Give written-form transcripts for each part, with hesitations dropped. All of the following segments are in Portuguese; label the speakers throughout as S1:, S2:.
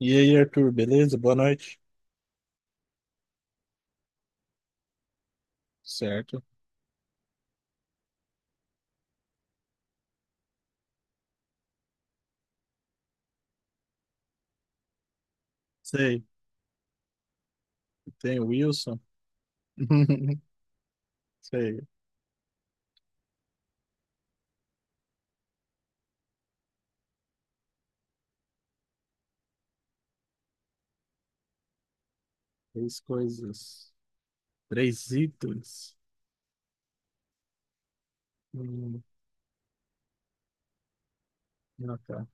S1: E aí, Arthur, beleza? Boa noite. Certo. Sei, tem o Wilson. Sei, três coisas. Três itens. Hum, não, tá.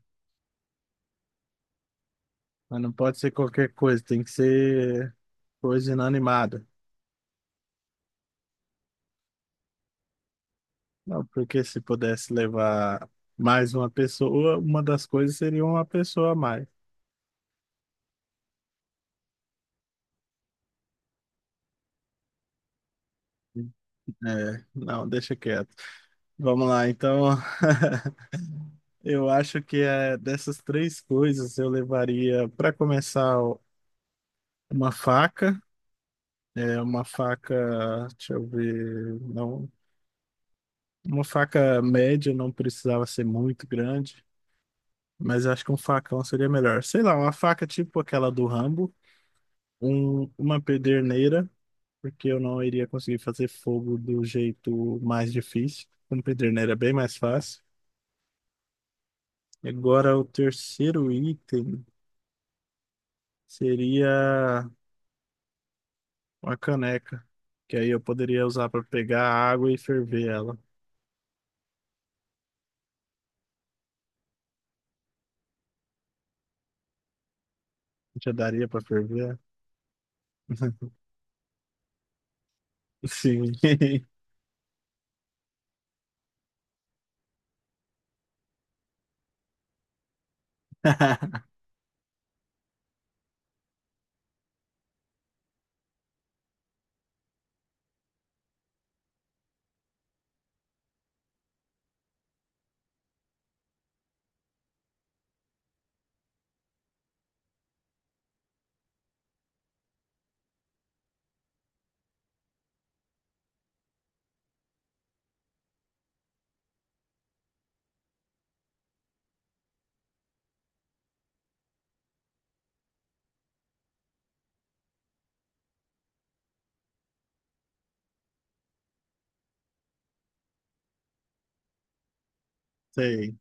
S1: Mas não pode ser qualquer coisa, tem que ser coisa inanimada. Não, porque se pudesse levar mais uma pessoa, uma das coisas seria uma pessoa a mais. É, não, deixa quieto. Vamos lá, então. Eu acho que dessas três coisas eu levaria, para começar. Uma faca, é uma faca, deixa eu ver, não, uma faca média não precisava ser muito grande, mas acho que um facão seria melhor. Sei lá, uma faca tipo aquela do Rambo, uma pederneira, porque eu não iria conseguir fazer fogo do jeito mais difícil. Com pederneira é bem mais fácil. Agora o terceiro item seria uma caneca, que aí eu poderia usar para pegar água e ferver ela. Já daria para ferver? Sim. Sei,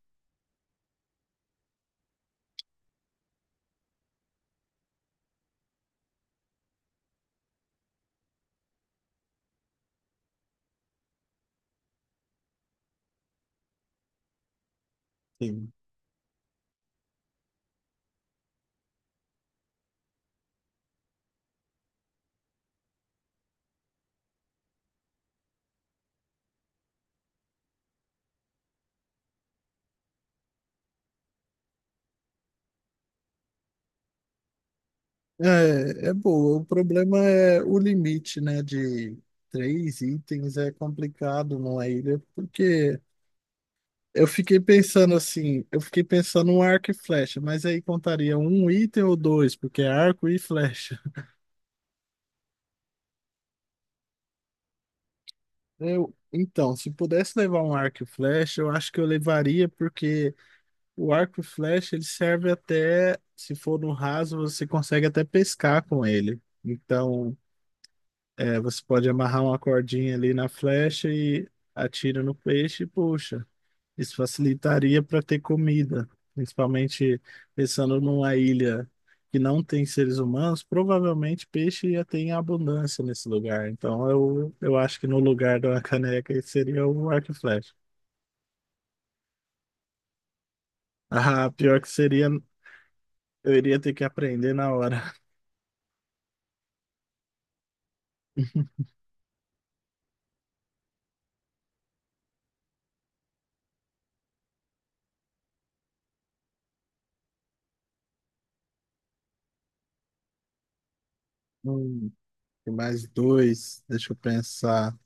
S1: sim. É, é boa. O problema é o limite, né, de três itens é complicado numa ilha, porque eu fiquei pensando assim, eu fiquei pensando no arco e flecha, mas aí contaria um item ou dois, porque é arco e flecha. Eu, então, se pudesse levar um arco e flecha, eu acho que eu levaria, porque o arco e flecha ele serve até, se for no raso, você consegue até pescar com ele. Então é, você pode amarrar uma cordinha ali na flecha e atira no peixe e puxa. Isso facilitaria para ter comida, principalmente pensando numa ilha que não tem seres humanos, provavelmente peixe ia ter em abundância nesse lugar. Então eu acho que no lugar da caneca esse seria o arco e flecha. Ah, pior que seria, eu iria ter que aprender na hora. Hum, tem mais dois, deixa eu pensar.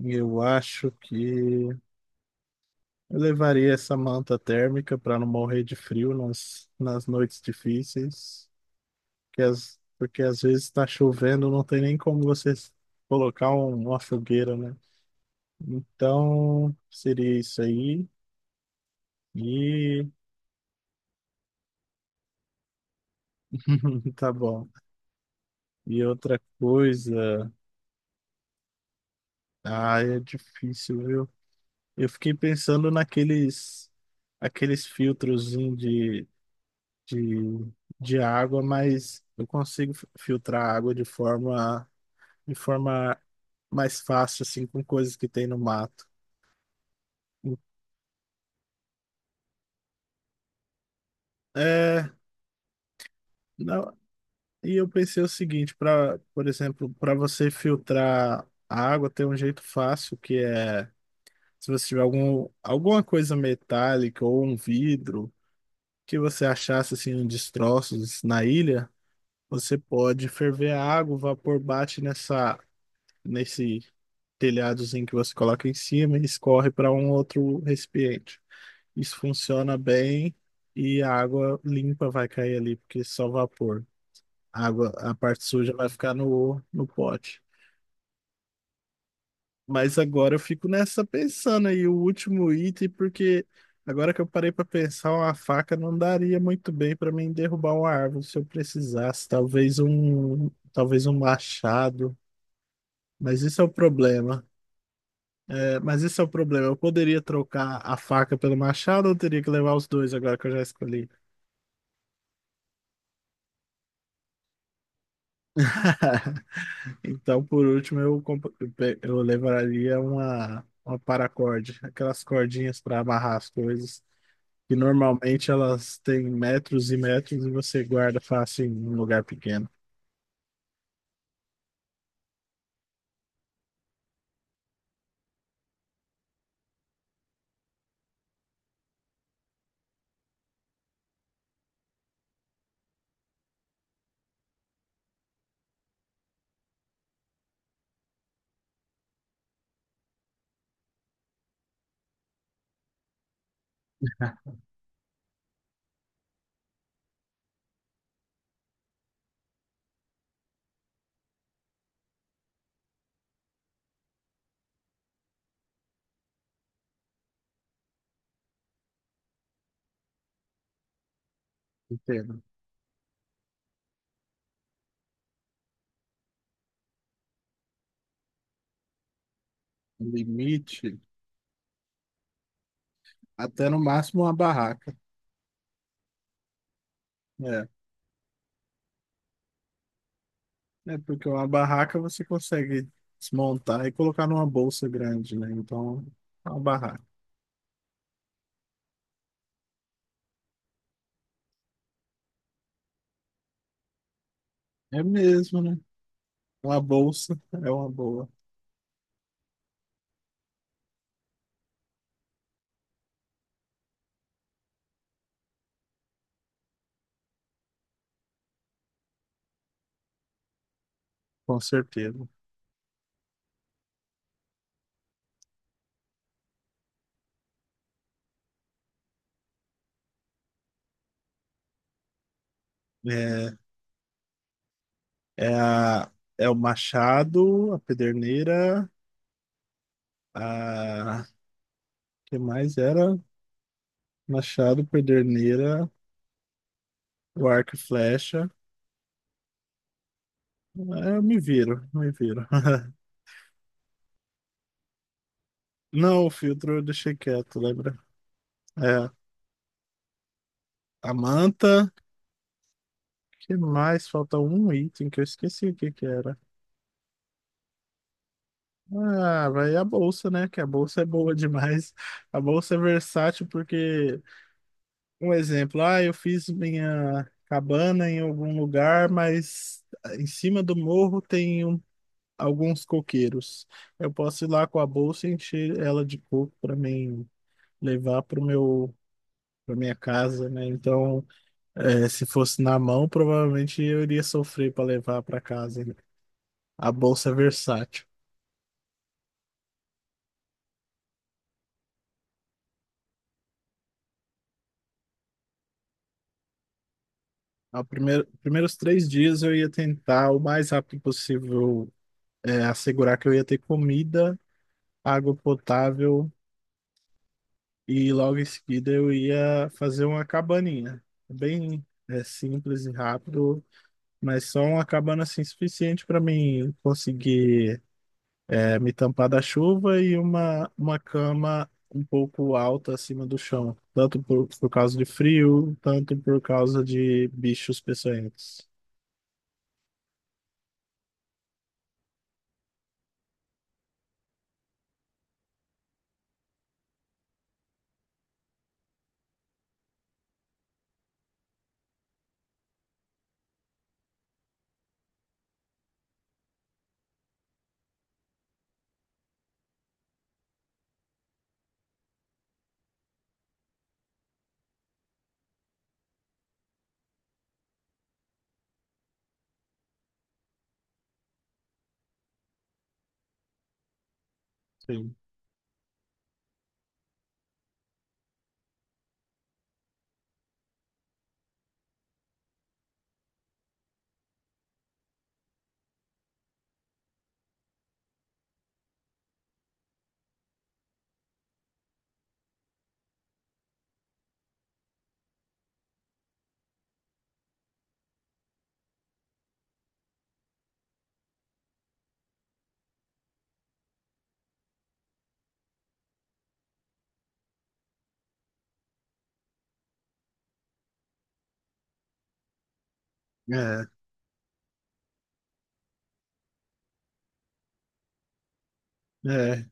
S1: Eu acho que. Eu levaria essa manta térmica para não morrer de frio nas, nas noites difíceis, que as, porque às vezes está chovendo, não tem nem como você colocar uma fogueira, né? Então, seria isso aí. E tá bom. E outra coisa, ah, é difícil, viu? Eu fiquei pensando naqueles aqueles filtros de, de água, mas eu consigo filtrar a água de forma mais fácil, assim, com coisas que tem no mato. É, não, e eu pensei o seguinte, para, por exemplo, para você filtrar a água, tem um jeito fácil que é se você tiver algum, alguma coisa metálica ou um vidro que você achasse assim em destroços na ilha, você pode ferver a água, o vapor bate nessa nesse telhadozinho que você coloca em cima e escorre para um outro recipiente. Isso funciona bem e a água limpa vai cair ali, porque é só vapor. A água, a parte suja vai ficar no pote. Mas agora eu fico nessa pensando aí, o último item, porque agora que eu parei para pensar, uma faca não daria muito bem para mim derrubar uma árvore se eu precisasse. Talvez talvez um machado. Mas isso é o problema. É, mas isso é o problema. Eu poderia trocar a faca pelo machado ou eu teria que levar os dois agora que eu já escolhi? Então, por último, eu, comp- eu pe- eu levaria uma paracorde, aquelas cordinhas para amarrar as coisas, que normalmente elas têm metros e metros e você guarda fácil em um lugar pequeno. Entendo. Limite, até no máximo uma barraca. É, é porque uma barraca você consegue desmontar e colocar numa bolsa grande, né? Então, é uma barraca. É mesmo, né? Uma bolsa é uma boa, com certeza. É, É, é o Machado, a Pederneira, a que mais era? Machado, Pederneira, o arco e flecha. É, eu me viro, me viro. Não, o filtro eu deixei quieto, lembra? É, a manta, que mais? Falta um item que eu esqueci o que que era. Ah, vai a bolsa, né? Que a bolsa é boa demais. A bolsa é versátil porque um exemplo, ah, eu fiz minha cabana em algum lugar, mas em cima do morro tem alguns coqueiros. Eu posso ir lá com a bolsa e encher ela de coco para mim levar para o meu para minha casa, né? Então, se fosse na mão, provavelmente eu iria sofrer para levar para casa, né? A bolsa é versátil. Ao primeiro, primeiros três dias eu ia tentar o mais rápido possível, assegurar que eu ia ter comida, água potável. E logo em seguida eu ia fazer uma cabaninha. Bem, é, simples e rápido, mas só uma cabana assim suficiente para mim conseguir me tampar da chuva e uma cama um pouco alta acima do chão. Tanto por causa de frio, tanto por causa de bichos peçonhentos. Sim. É, é.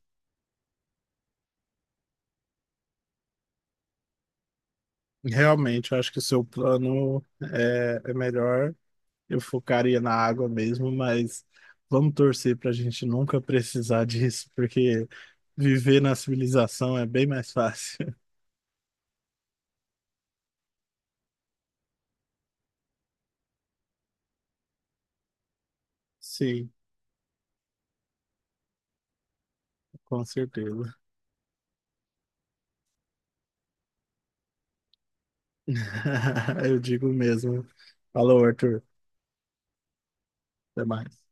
S1: Realmente, eu acho que o seu plano é melhor. Eu focaria na água mesmo, mas vamos torcer para a gente nunca precisar disso, porque viver na civilização é bem mais fácil. Sim, com certeza. Eu digo mesmo. Falou, Arthur. Até mais.